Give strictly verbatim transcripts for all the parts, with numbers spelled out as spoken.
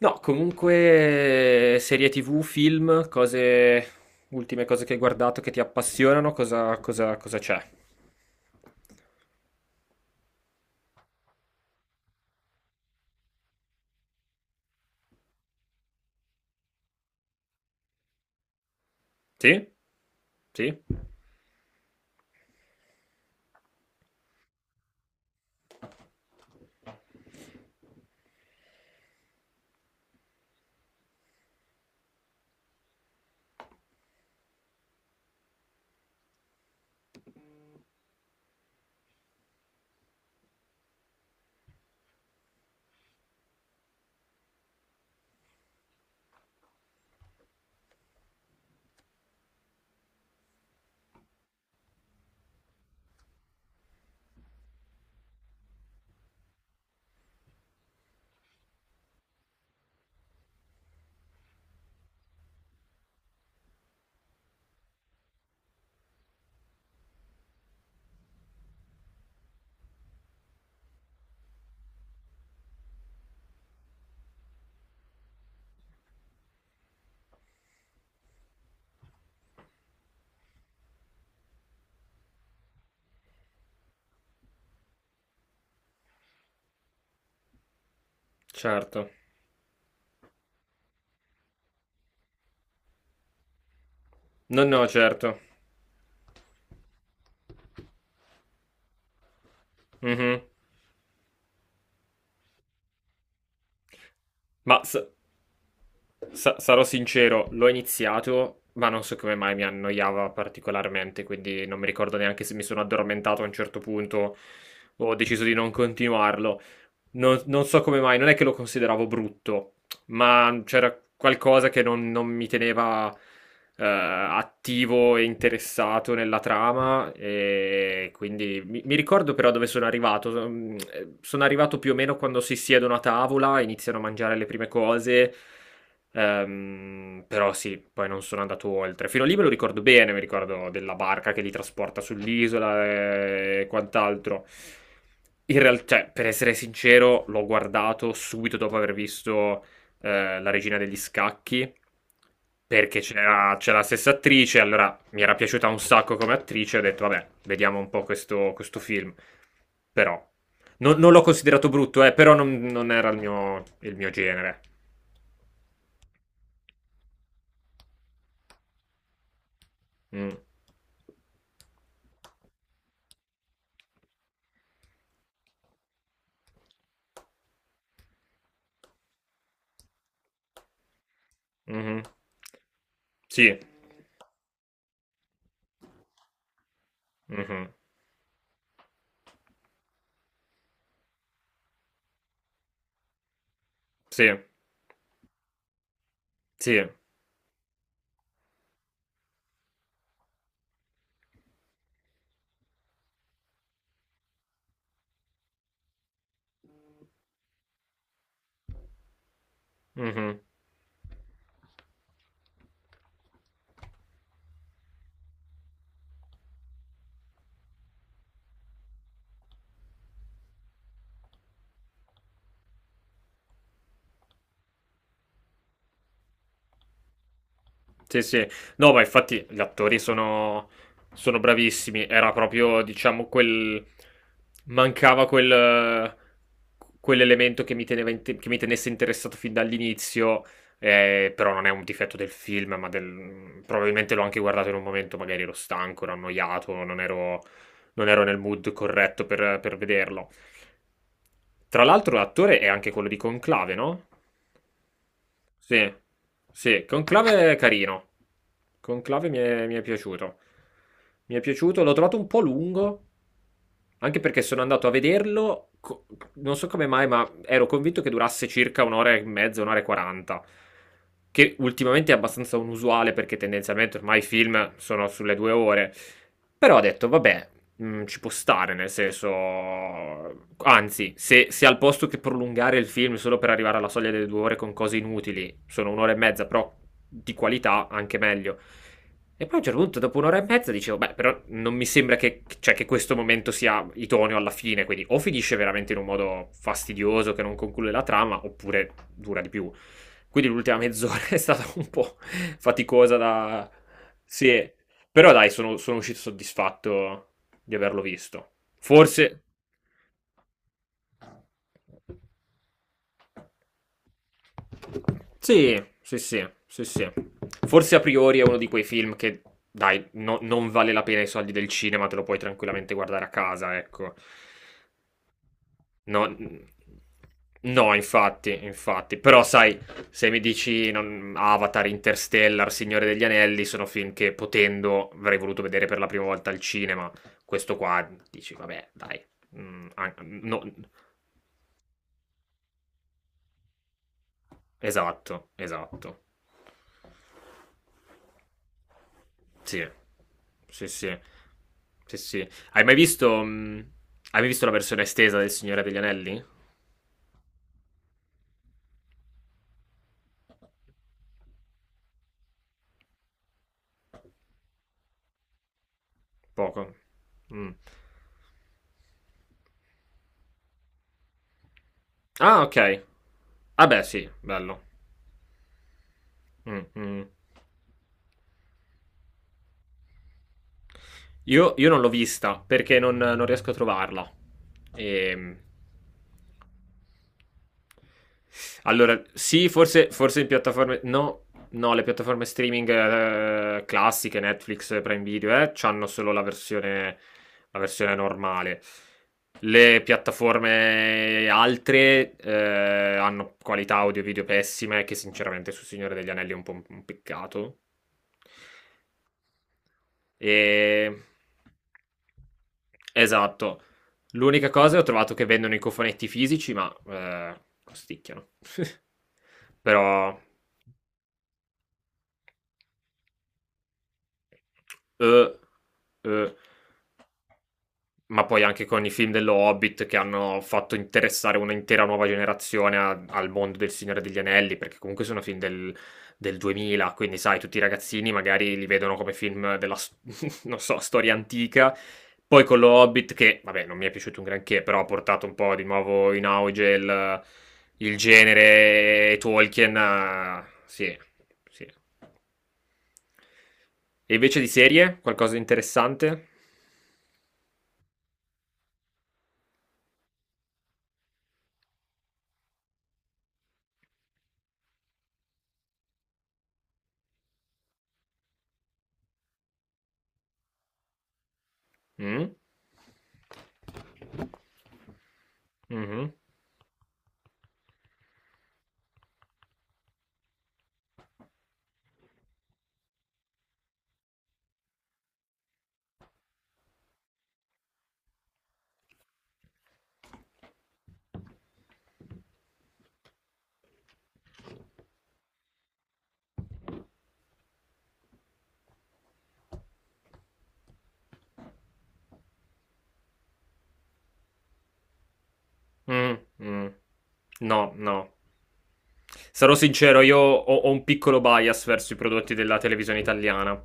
No, comunque serie ti vu, film, cose, ultime cose che hai guardato che ti appassionano, cosa, cosa- cosa c'è? Sì? Sì? Certo. No, no, certo. Mhm. Ma sa- sa- Sarò sincero, l'ho iniziato, ma non so come mai mi annoiava particolarmente, quindi non mi ricordo neanche se mi sono addormentato a un certo punto o ho deciso di non continuarlo. Non, non so come mai, non è che lo consideravo brutto, ma c'era qualcosa che non, non mi teneva eh, attivo e interessato nella trama e quindi mi, mi ricordo però dove sono arrivato. Mm, eh, Sono arrivato più o meno quando si siedono a tavola, iniziano a mangiare le prime cose. Ehm, però sì, poi non sono andato oltre. Fino a lì me lo ricordo bene, mi ricordo della barca che li trasporta sull'isola e quant'altro. In realtà, per essere sincero, l'ho guardato subito dopo aver visto eh, La regina degli scacchi, perché c'era, c'era la stessa attrice, allora mi era piaciuta un sacco come attrice, ho detto vabbè, vediamo un po' questo, questo film. Però, non, non l'ho considerato brutto, eh, però non, non era il mio, il mio genere. Mm. Mhm. Sì. Mhm. Sì. Sì. Mhm. Sì, sì. No, ma infatti gli attori sono, sono bravissimi. Era proprio, diciamo, quel... Mancava quel... eh, quell'elemento che mi teneva inte- che mi tenesse interessato fin dall'inizio. Eh, però non è un difetto del film, ma del... probabilmente l'ho anche guardato in un momento, magari ero stanco, ero annoiato, non ero, non ero nel mood corretto per, per vederlo. Tra l'altro l'attore è anche quello di Conclave, no? Sì, sì, Conclave è carino. Conclave mi è, mi è piaciuto. Mi è piaciuto, l'ho trovato un po' lungo, anche perché sono andato a vederlo, co- non so come mai, ma ero convinto che durasse circa un'ora e mezza, un'ora e quaranta che ultimamente è abbastanza unusuale perché tendenzialmente ormai i film sono sulle due ore. Però ho detto, vabbè, mh, ci può stare, nel senso... Anzi, se, se al posto che prolungare il film solo per arrivare alla soglia delle due ore con cose inutili, sono un'ora e mezza, però di qualità anche meglio. E poi a un certo punto, dopo un'ora e mezza, dicevo, beh, però non mi sembra che, cioè, che questo momento sia idoneo alla fine, quindi o finisce veramente in un modo fastidioso che non conclude la trama, oppure dura di più. Quindi l'ultima mezz'ora è stata un po' faticosa da... Sì, però dai, sono, sono uscito soddisfatto di averlo visto. Forse... Sì, sì, sì, sì, sì. Forse a priori è uno di quei film che, dai, no- non vale la pena i soldi del cinema, te lo puoi tranquillamente guardare a casa, ecco. No, no, infatti, infatti. Però sai, se mi dici non- Avatar, Interstellar, Signore degli Anelli, sono film che potendo avrei voluto vedere per la prima volta al cinema. Questo qua dici, vabbè, dai. Mm, an- no, esatto, esatto. Sì, sì, sì. Sì, sì. Hai mai visto, mm, hai mai visto la versione estesa del Signore degli Anelli? Poco. Mm. Ah, ok. Ah, beh, sì, bello. Mm, mm. Io, io non l'ho vista perché non, non riesco a trovarla. Ehm, Allora, sì, forse, forse in piattaforme... No, no, le piattaforme streaming eh, classiche, Netflix, Prime Video, eh, c'hanno solo la versione, la versione normale. Le piattaforme altre eh, hanno qualità audio e video pessime, che sinceramente su Signore degli Anelli è un po' un un peccato. E... Esatto. L'unica cosa è ho trovato che vendono i cofonetti fisici, ma eh, costicchiano. Però eh, eh. ma poi anche con i film dello Hobbit che hanno fatto interessare un'intera nuova generazione a- al mondo del Signore degli Anelli, perché comunque sono film del, del duemila, quindi sai, tutti i ragazzini magari li vedono come film della, s- non so, storia antica. Poi con lo Hobbit che, vabbè, non mi è piaciuto un granché, però ha portato un po' di nuovo in auge il, il genere e Tolkien. eh, Sì, sì. E invece di serie, qualcosa di interessante? Mm? Mhm. Mm, mm. No, no. Sarò sincero, io ho, ho un piccolo bias verso i prodotti della televisione italiana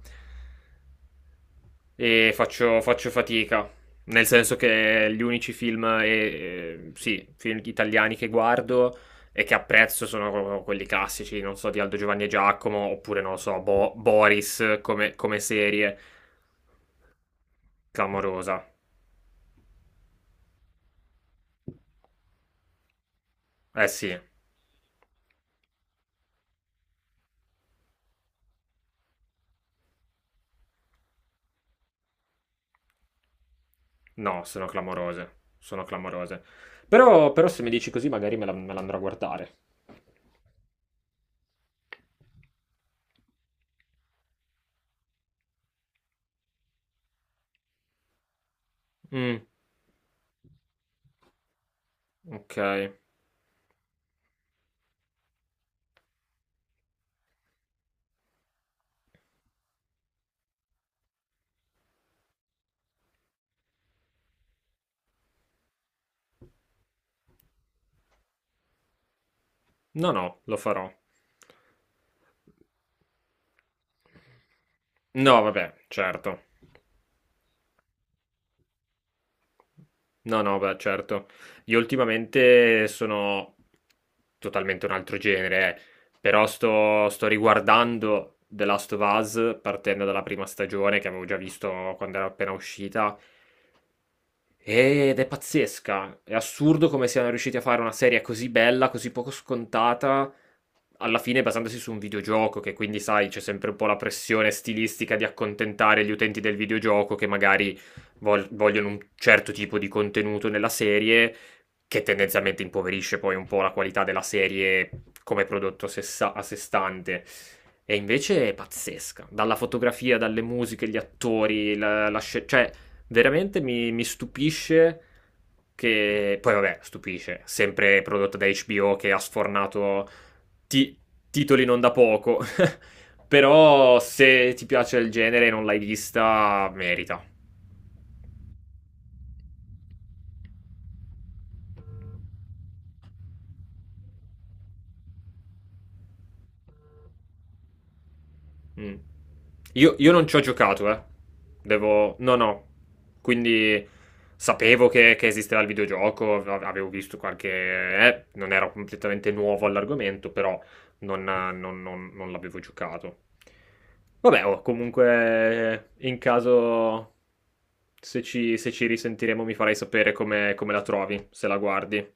e faccio, faccio fatica, nel senso che gli unici film, e, eh, sì, film italiani che guardo e che apprezzo sono quelli classici, non so, di Aldo Giovanni e Giacomo, oppure non lo so, Bo- Boris come, come serie clamorosa. Eh sì, no, sono clamorose, sono clamorose. Però, però se mi dici così magari me la me la andrò a guardare. Mh, okay. No, no, lo farò. No, vabbè, certo. No, no, beh, certo. Io ultimamente sono totalmente un altro genere, eh, però sto sto riguardando The Last of Us partendo dalla prima stagione che avevo già visto quando era appena uscita. Ed è pazzesca. È assurdo come siano riusciti a fare una serie così bella, così poco scontata, alla fine basandosi su un videogioco, che quindi, sai, c'è sempre un po' la pressione stilistica di accontentare gli utenti del videogioco che magari vol- vogliono un certo tipo di contenuto nella serie, che tendenzialmente impoverisce poi un po' la qualità della serie come prodotto a sé sa- a sé stante. E invece è pazzesca, dalla fotografia, dalle musiche, gli attori, la, la sce- cioè veramente mi, mi stupisce che... Poi vabbè, stupisce, sempre prodotto da acca bi o che ha sfornato ti- titoli non da poco, però se ti piace il genere e non l'hai vista, merita. Mm. Io, io non ci ho giocato, eh. Devo... No, no. Quindi sapevo che, che esisteva il videogioco, av- avevo visto qualche... eh, non ero completamente nuovo all'argomento, però non, non- non- non l'avevo giocato. Vabbè, oh, comunque in caso... Se ci, se ci risentiremo mi farai sapere come, come la trovi, se la guardi.